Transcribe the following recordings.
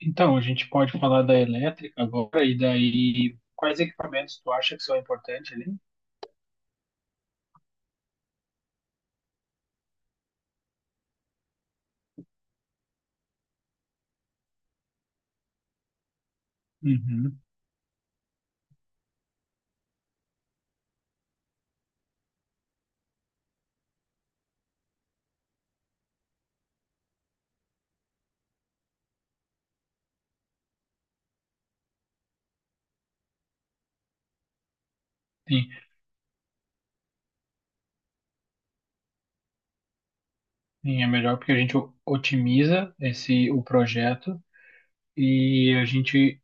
Então, a gente pode falar da elétrica agora, e daí quais equipamentos tu acha que são importantes ali? Uhum. Sim, sim, é melhor porque a gente otimiza esse o projeto e a gente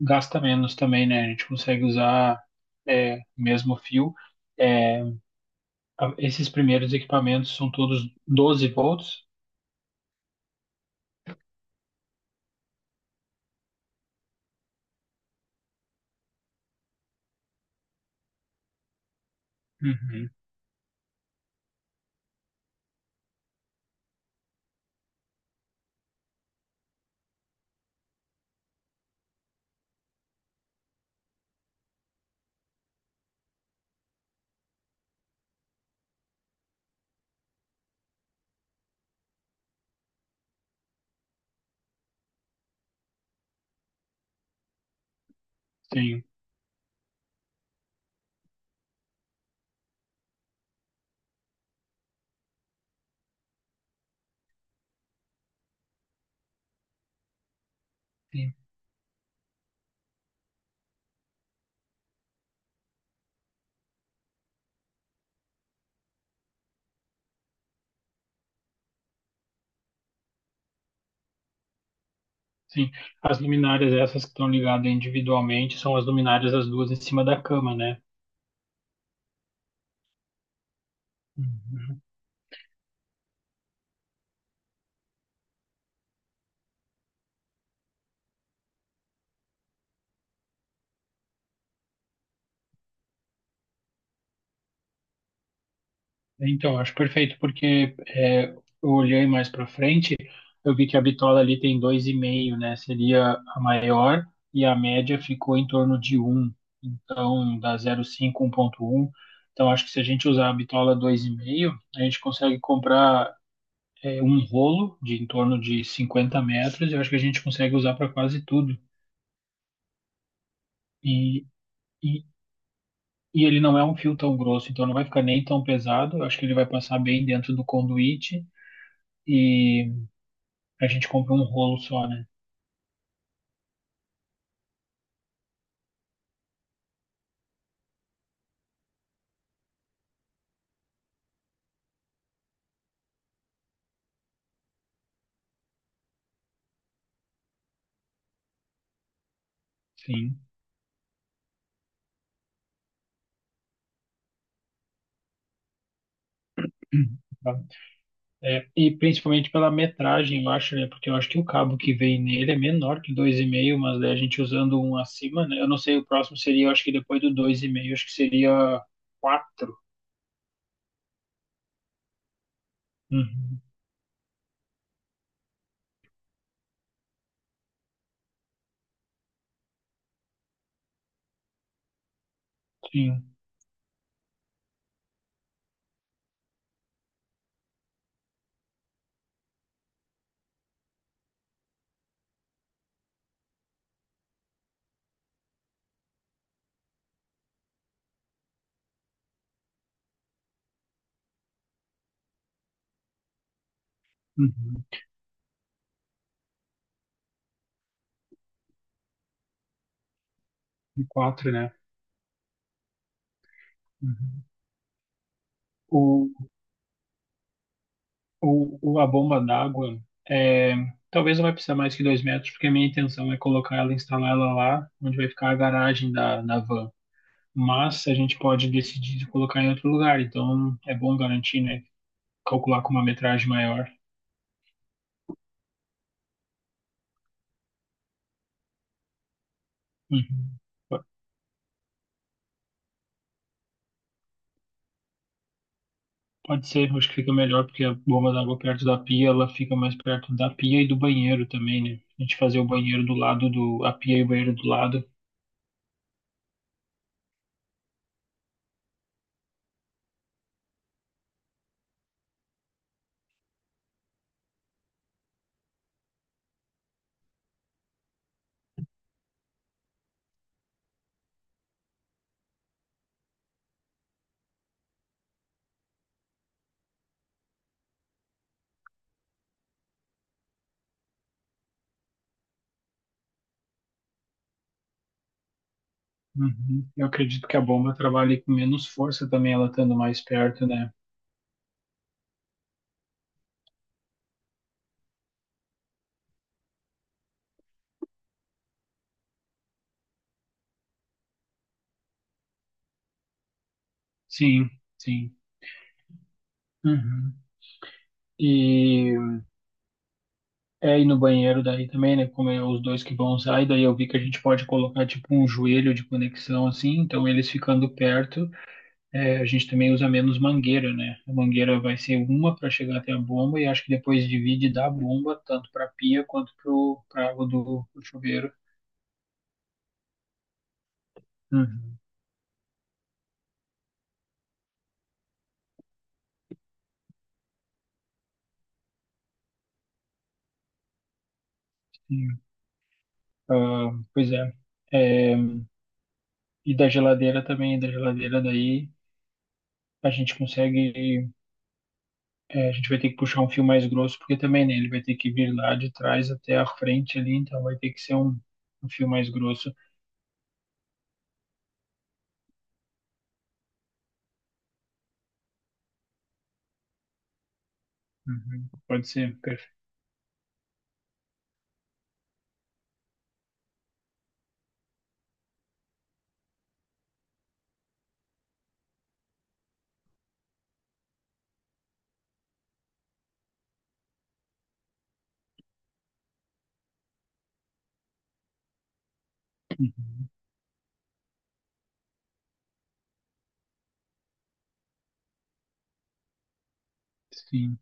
gasta menos também, né? A gente consegue usar mesmo fio. É, esses primeiros equipamentos são todos 12 volts. Uhum. Sim, sim, sim. As luminárias essas que estão ligadas individualmente são as luminárias as duas em cima da cama, né? Uhum. Então, acho perfeito, porque eu olhei mais para frente, eu vi que a bitola ali tem dois e meio, né? Seria a maior e a média ficou em torno de um. Então, dá 0,5, 1,1. Então, acho que se a gente usar a bitola dois e meio, a gente consegue comprar um rolo de em torno de 50 metros e eu acho que a gente consegue usar para quase tudo. E, e, e ele não é um fio tão grosso, então não vai ficar nem tão pesado. Eu acho que ele vai passar bem dentro do conduíte. E a gente compra um rolo só, né? Sim. Tá. É, e principalmente pela metragem, eu acho, né? Porque eu acho que o cabo que vem nele é menor que dois e meio, mas daí a gente usando um acima, né? Eu não sei, o próximo seria, eu acho que depois do dois e meio acho que seria quatro. Uhum, sim. Uhum. E 4, né? Uhum. O, a bomba d'água, é, talvez não vai precisar mais que 2 metros, porque a minha intenção é colocar ela, instalar ela lá, onde vai ficar a garagem da, da van. Mas a gente pode decidir colocar em outro lugar, então é bom garantir, né? Calcular com uma metragem maior. Uhum. Po- Pode ser, acho que fica melhor, porque a bomba d'água perto da pia, ela fica mais perto da pia e do banheiro também, né? A gente fazer o banheiro do lado do, a pia e o banheiro do lado. Uhum. Eu acredito que a bomba trabalhe com menos força também, ela estando mais perto, né? Sim, sim. Uhum. E e no banheiro daí também, né? Como é os dois que vão usar, e daí eu vi que a gente pode colocar tipo um joelho de conexão assim, então eles ficando perto, a gente também usa menos mangueira, né? A mangueira vai ser uma para chegar até a bomba e acho que depois divide da bomba, tanto para pia quanto pro, pra água do pro chuveiro. Uhum. Sim. Ah, pois é. É, E da geladeira também, da geladeira daí a gente consegue. É, a gente vai ter que puxar um fio mais grosso, porque também, né, ele vai ter que vir lá de trás até a frente ali, então vai ter que ser um, um fio mais grosso. Uhum, pode ser, perfeito. Uhum, sim.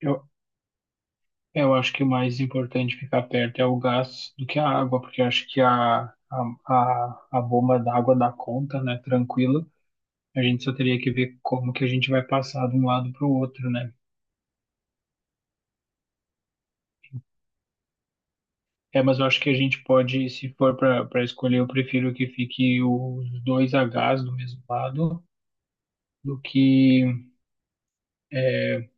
Eu, eu acho que o mais importante ficar perto é o gás do que a água, porque eu acho que a bomba d'água dá conta, né, tranquilo. A gente só teria que ver como que a gente vai passar de um lado para o outro, né? É, mas eu acho que a gente pode, se for para escolher, eu prefiro que fique os dois Hs do mesmo lado do que é,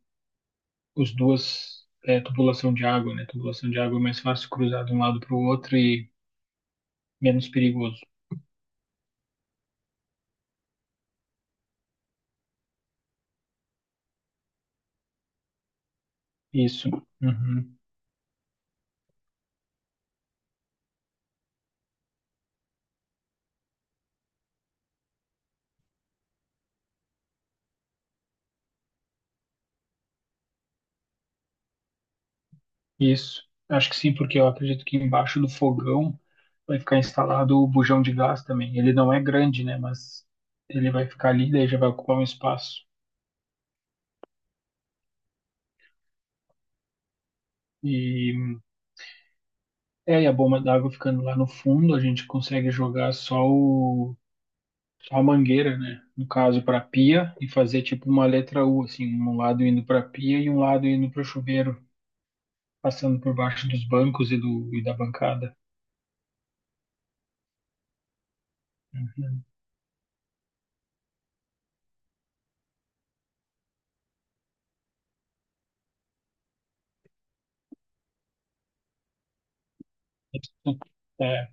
os duas tubulação de água, né? Tubulação de água é mais fácil cruzar de um lado para o outro e menos perigoso. Isso, uhum, isso. Acho que sim, porque eu acredito que embaixo do fogão vai ficar instalado o bujão de gás também. Ele não é grande, né? Mas ele vai ficar ali, daí já vai ocupar um espaço. E e a bomba d'água ficando lá no fundo, a gente consegue jogar só o só a mangueira, né? No caso, para pia e fazer tipo uma letra U, assim, um lado indo para pia e um lado indo para o chuveiro, passando por baixo dos bancos e, do, e da bancada. Uhum. É,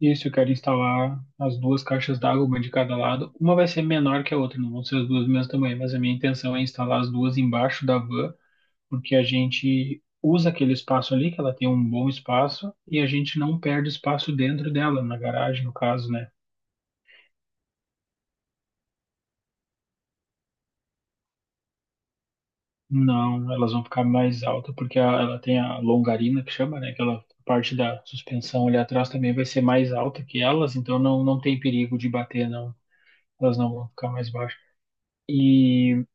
isso, eu quero instalar as duas caixas d'água, uma de cada lado. Uma vai ser menor que a outra, não vão ser as duas do mesmo tamanho, mas a minha intenção é instalar as duas embaixo da van, porque a gente usa aquele espaço ali, que ela tem um bom espaço, e a gente não perde espaço dentro dela, na garagem, no caso, né? Não, elas vão ficar mais altas, porque ela tem a longarina que chama, né? Aquela parte da suspensão ali atrás também vai ser mais alta que elas, então não, não tem perigo de bater, não. Elas não vão ficar mais baixas. E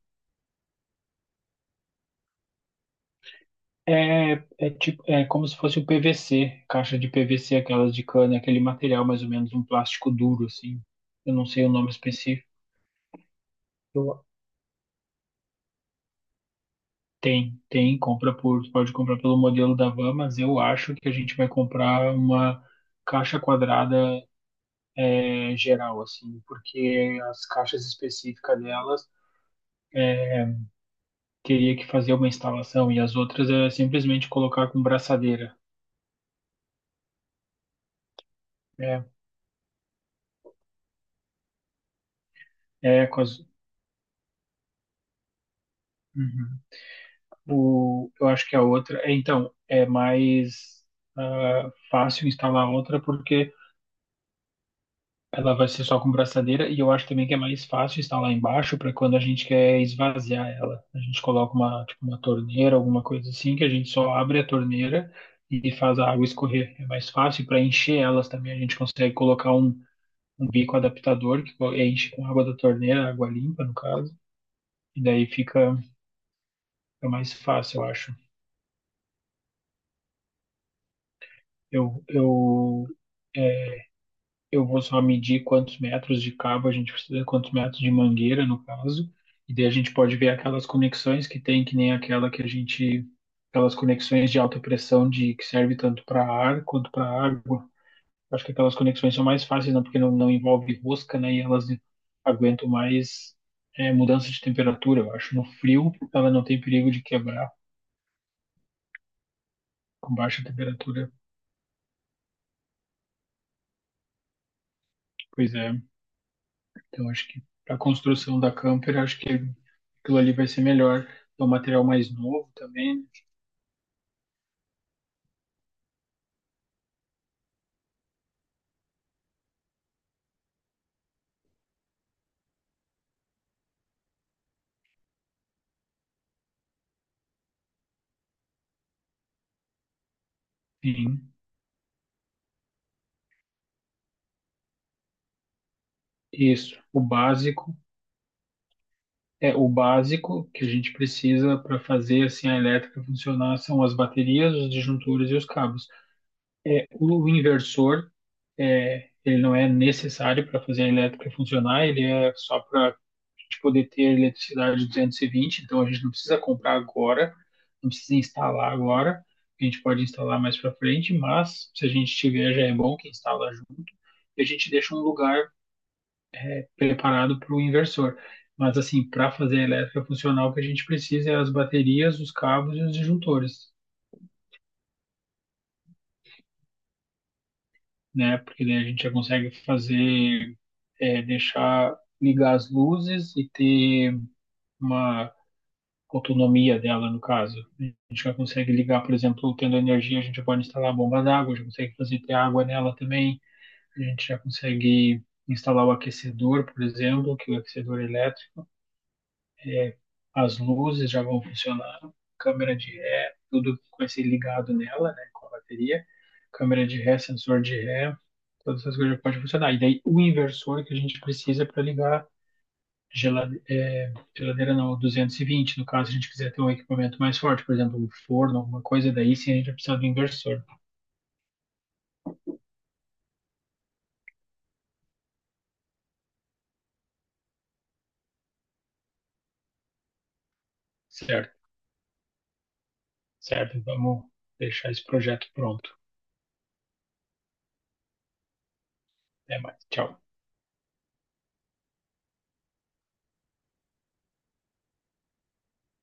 é, é tipo, é como se fosse o PVC, caixa de PVC, aquelas de cana, aquele material mais ou menos, um plástico duro, assim. Eu não sei o nome específico. Eu- tem, tem, compra por, tu pode comprar pelo modelo da van, mas eu acho que a gente vai comprar uma caixa quadrada geral, assim, porque as caixas específicas delas é, teria que fazer uma instalação e as outras é simplesmente colocar com braçadeira. É, é com as, uhum. O, eu acho que a outra, é, então, é mais fácil instalar outra porque ela vai ser só com braçadeira e eu acho também que é mais fácil estar lá embaixo para quando a gente quer esvaziar ela. A gente coloca uma, tipo, uma torneira, alguma coisa assim, que a gente só abre a torneira e faz a água escorrer. É mais fácil para encher elas também. A gente consegue colocar um, um bico adaptador que enche com água da torneira, água limpa no caso, e daí fica, fica mais fácil, eu acho. Eu é, eu vou só medir quantos metros de cabo a gente precisa, quantos metros de mangueira, no caso, e daí a gente pode ver aquelas conexões que tem, que nem aquela que a gente, aquelas conexões de alta pressão de que serve tanto para ar quanto para água. Acho que aquelas conexões são mais fáceis, não, porque não envolve rosca, né? E elas aguentam mais mudança de temperatura. Eu acho no frio ela não tem perigo de quebrar com baixa temperatura. Pois é. Então, acho que para a construção da camper, acho que aquilo ali vai ser melhor. É um material mais novo também, né? Sim, isso. O básico É o básico que a gente precisa para fazer assim a elétrica funcionar são as baterias, os disjuntores e os cabos. O inversor, ele não é necessário para fazer a elétrica funcionar, ele é só para a gente poder ter a eletricidade 220, então a gente não precisa comprar agora, não precisa instalar agora, a gente pode instalar mais para frente, mas se a gente tiver, já é bom que instala junto, e a gente deixa um lugar preparado para o inversor. Mas assim, para fazer a elétrica funcionar, o que a gente precisa é as baterias, os cabos e os disjuntores, né? Porque daí a gente já consegue fazer deixar ligar as luzes e ter uma autonomia dela, no caso. A gente já consegue ligar, por exemplo, tendo energia, a gente pode instalar a bomba d'água, já consegue fazer ter água nela também, a gente já consegue instalar o aquecedor, por exemplo, que o aquecedor elétrico, é, as luzes já vão funcionar, câmera de ré, tudo que vai ser ligado nela, né, com a bateria, câmera de ré, sensor de ré, todas essas coisas podem funcionar. E daí o inversor que a gente precisa para ligar geladeira geladeira não, 220 no caso, a gente quiser ter um equipamento mais forte, por exemplo, um forno, alguma coisa, daí sim a gente vai precisar do inversor. Certo, certo. Vamos deixar esse projeto pronto. Até mais. Tchau.